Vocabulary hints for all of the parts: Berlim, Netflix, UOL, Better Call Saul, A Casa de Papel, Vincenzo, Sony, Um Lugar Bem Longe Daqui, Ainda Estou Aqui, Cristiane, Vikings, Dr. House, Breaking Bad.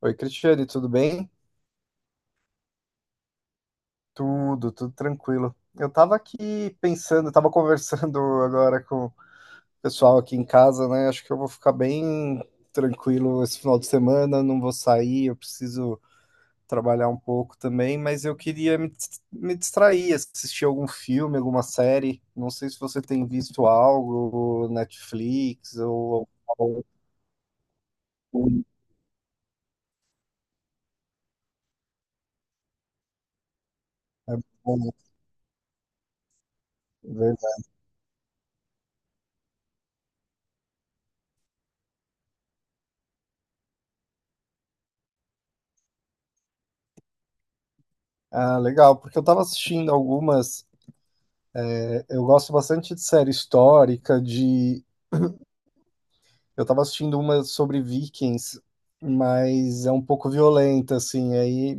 Oi, Cristiane, tudo bem? Tudo, tranquilo. Eu tava aqui pensando, tava conversando agora com o pessoal aqui em casa, né? Acho que eu vou ficar bem tranquilo esse final de semana, não vou sair, eu preciso trabalhar um pouco também, mas eu queria me distrair, assistir algum filme, alguma série. Não sei se você tem visto algo, Netflix ou... ou- ou- Ah, legal, porque eu tava assistindo algumas. Eu gosto bastante de série histórica, de. Eu tava assistindo uma sobre Vikings, mas é um pouco violenta, assim. Aí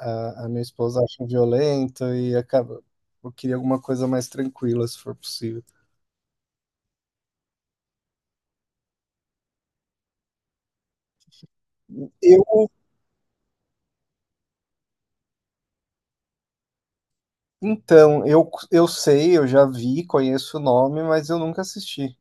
a minha esposa acha violenta e acaba. Eu queria alguma coisa mais tranquila, se for possível. Eu, então, eu sei, eu já vi, conheço o nome, mas eu nunca assisti.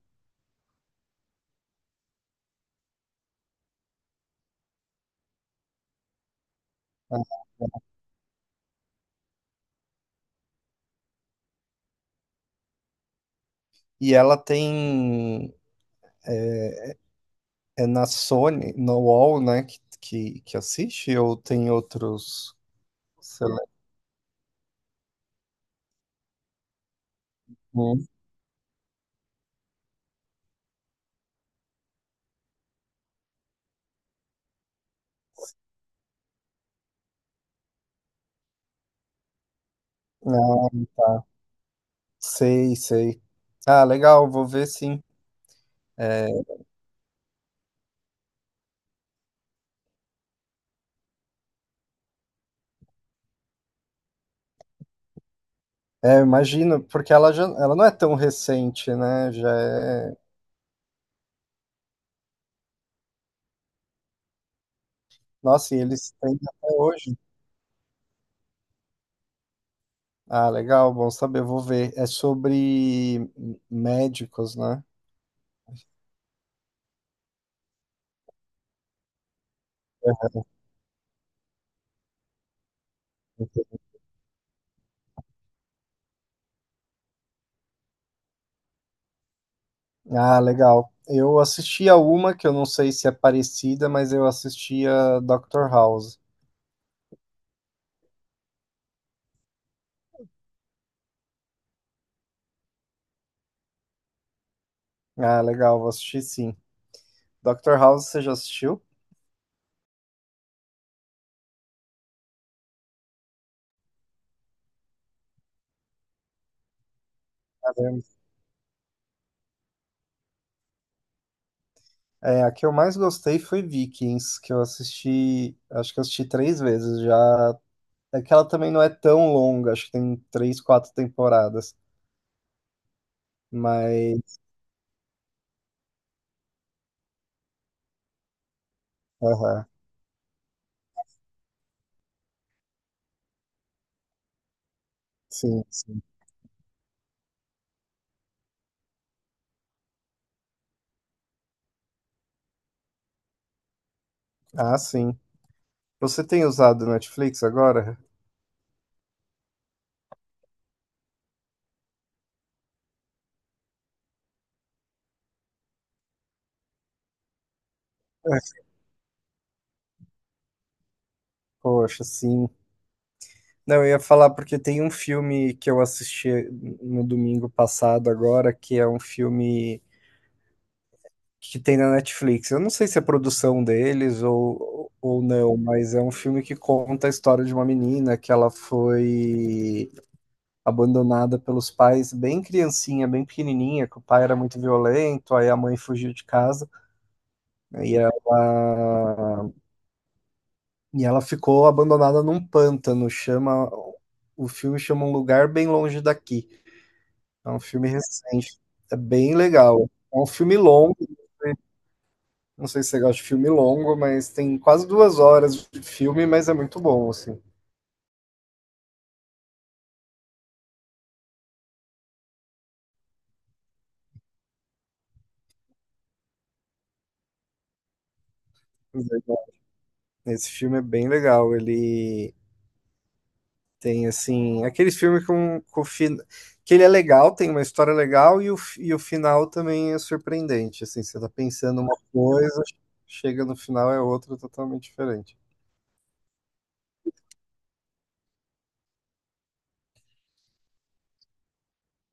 E ela tem. É na Sony, no UOL, né? Que assiste, ou tem outros. Sei lá. Hum. Ah, tá. Sei, sei. Ah, legal, vou ver sim. É, eu imagino, porque ela já, ela não é tão recente, né? Já é. Nossa, e eles têm até hoje. Ah, legal, bom saber, vou ver. É sobre médicos, né? Ah, legal. Eu assisti a uma que eu não sei se é parecida, mas eu assisti a Dr. House. Ah, legal, vou assistir sim. Dr. House, você já assistiu? É, a que eu mais gostei foi Vikings, que eu assisti, acho que eu assisti três vezes já. É que ela também não é tão longa, acho que tem três, quatro temporadas. Mas, aham, sim, sim. Ah, sim. Você tem usado Netflix agora? Poxa, sim. Não, eu ia falar porque tem um filme que eu assisti no domingo passado agora, que é um filme que tem na Netflix. Eu não sei se é produção deles ou não, mas é um filme que conta a história de uma menina que ela foi abandonada pelos pais bem criancinha, bem pequenininha, que o pai era muito violento, aí a mãe fugiu de casa né, e ela ficou abandonada num pântano. Chama, o filme chama Um Lugar Bem Longe Daqui. É um filme recente, é bem legal. É um filme longo. Não sei se você gosta de filme longo, mas tem quase duas horas de filme, mas é muito bom, assim. Esse filme é bem legal. Ele tem, assim, aqueles filmes com fin... que ele é legal, tem uma história legal e e o final também é surpreendente. Assim, você tá pensando uma coisa, chega no final é outra totalmente diferente.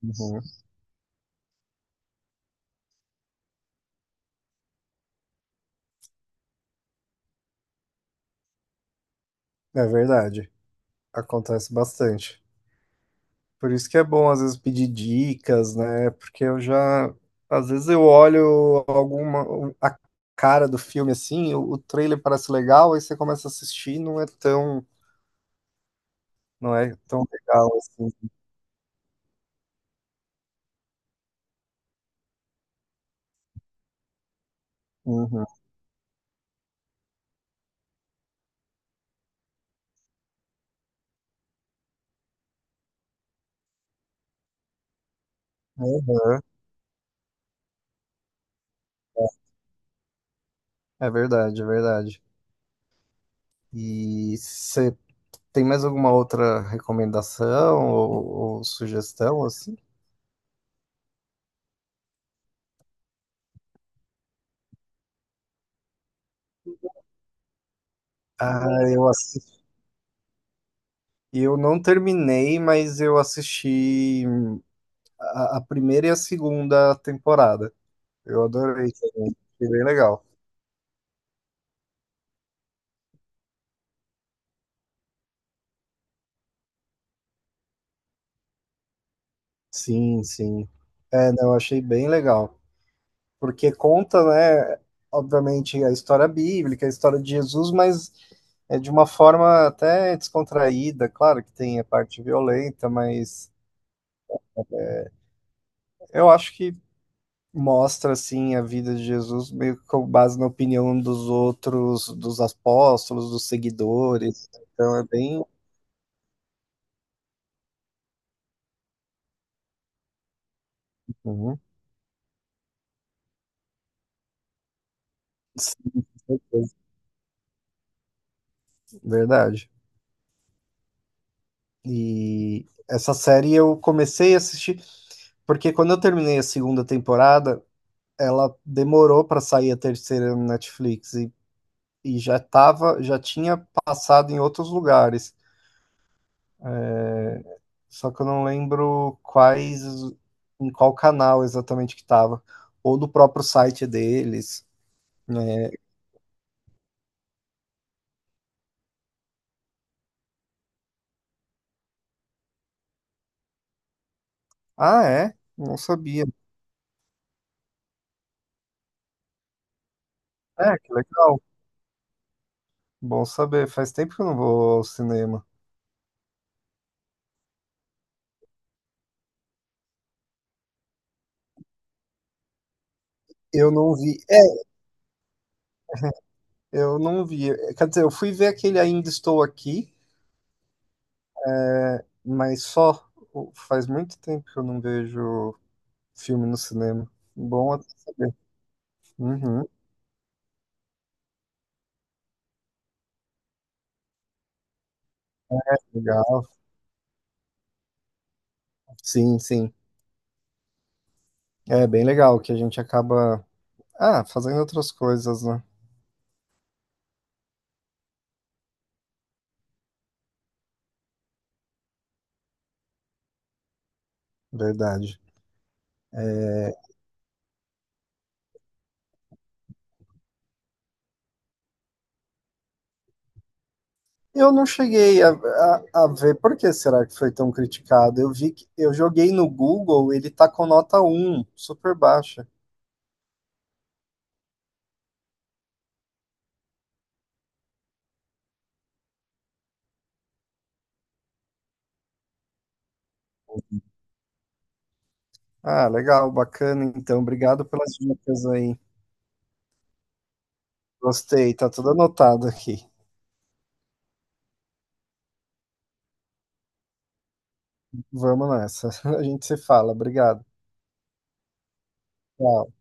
Uhum. É verdade. Acontece bastante. Por isso que é bom às vezes pedir dicas, né? Porque eu já às vezes eu olho alguma a cara do filme assim, o trailer parece legal, aí você começa a assistir, e não é tão legal assim. Uhum. Aham. É verdade, é verdade. E você tem mais alguma outra recomendação ou sugestão assim? Ah, eu assisti, eu não terminei, mas eu assisti a primeira e a segunda temporada. Eu adorei também. Achei bem legal. Sim, sim. É, não, eu achei bem legal. Porque conta, né, obviamente, a história bíblica, a história de Jesus, mas é de uma forma até descontraída. Claro que tem a parte violenta, mas eu acho que mostra, assim, a vida de Jesus meio que com base na opinião dos outros, dos apóstolos, dos seguidores. Então é bem. Uhum. Verdade. E essa série eu comecei a assistir. Porque quando eu terminei a segunda temporada, ela demorou pra sair a terceira no Netflix e, já tinha passado em outros lugares. É, só que eu não lembro quais, em qual canal exatamente que tava. Ou do próprio site deles. Né? Ah, é? Não sabia. É, que legal. Bom saber. Faz tempo que eu não vou ao cinema. Eu não vi. É, eu não vi. Quer dizer, eu fui ver aquele Ainda Estou Aqui, mas só faz muito tempo que eu não vejo filme no cinema. Bom, uhum, legal. Sim, sim. É bem legal que a gente acaba, ah, fazendo outras coisas, né? Verdade. É, eu não cheguei a ver por que será que foi tão criticado. Eu vi que eu joguei no Google, ele tá com nota um super baixa. Ah, legal, bacana. Então, obrigado pelas dicas aí. Gostei, tá tudo anotado aqui. Vamos nessa. A gente se fala. Obrigado. Tchau.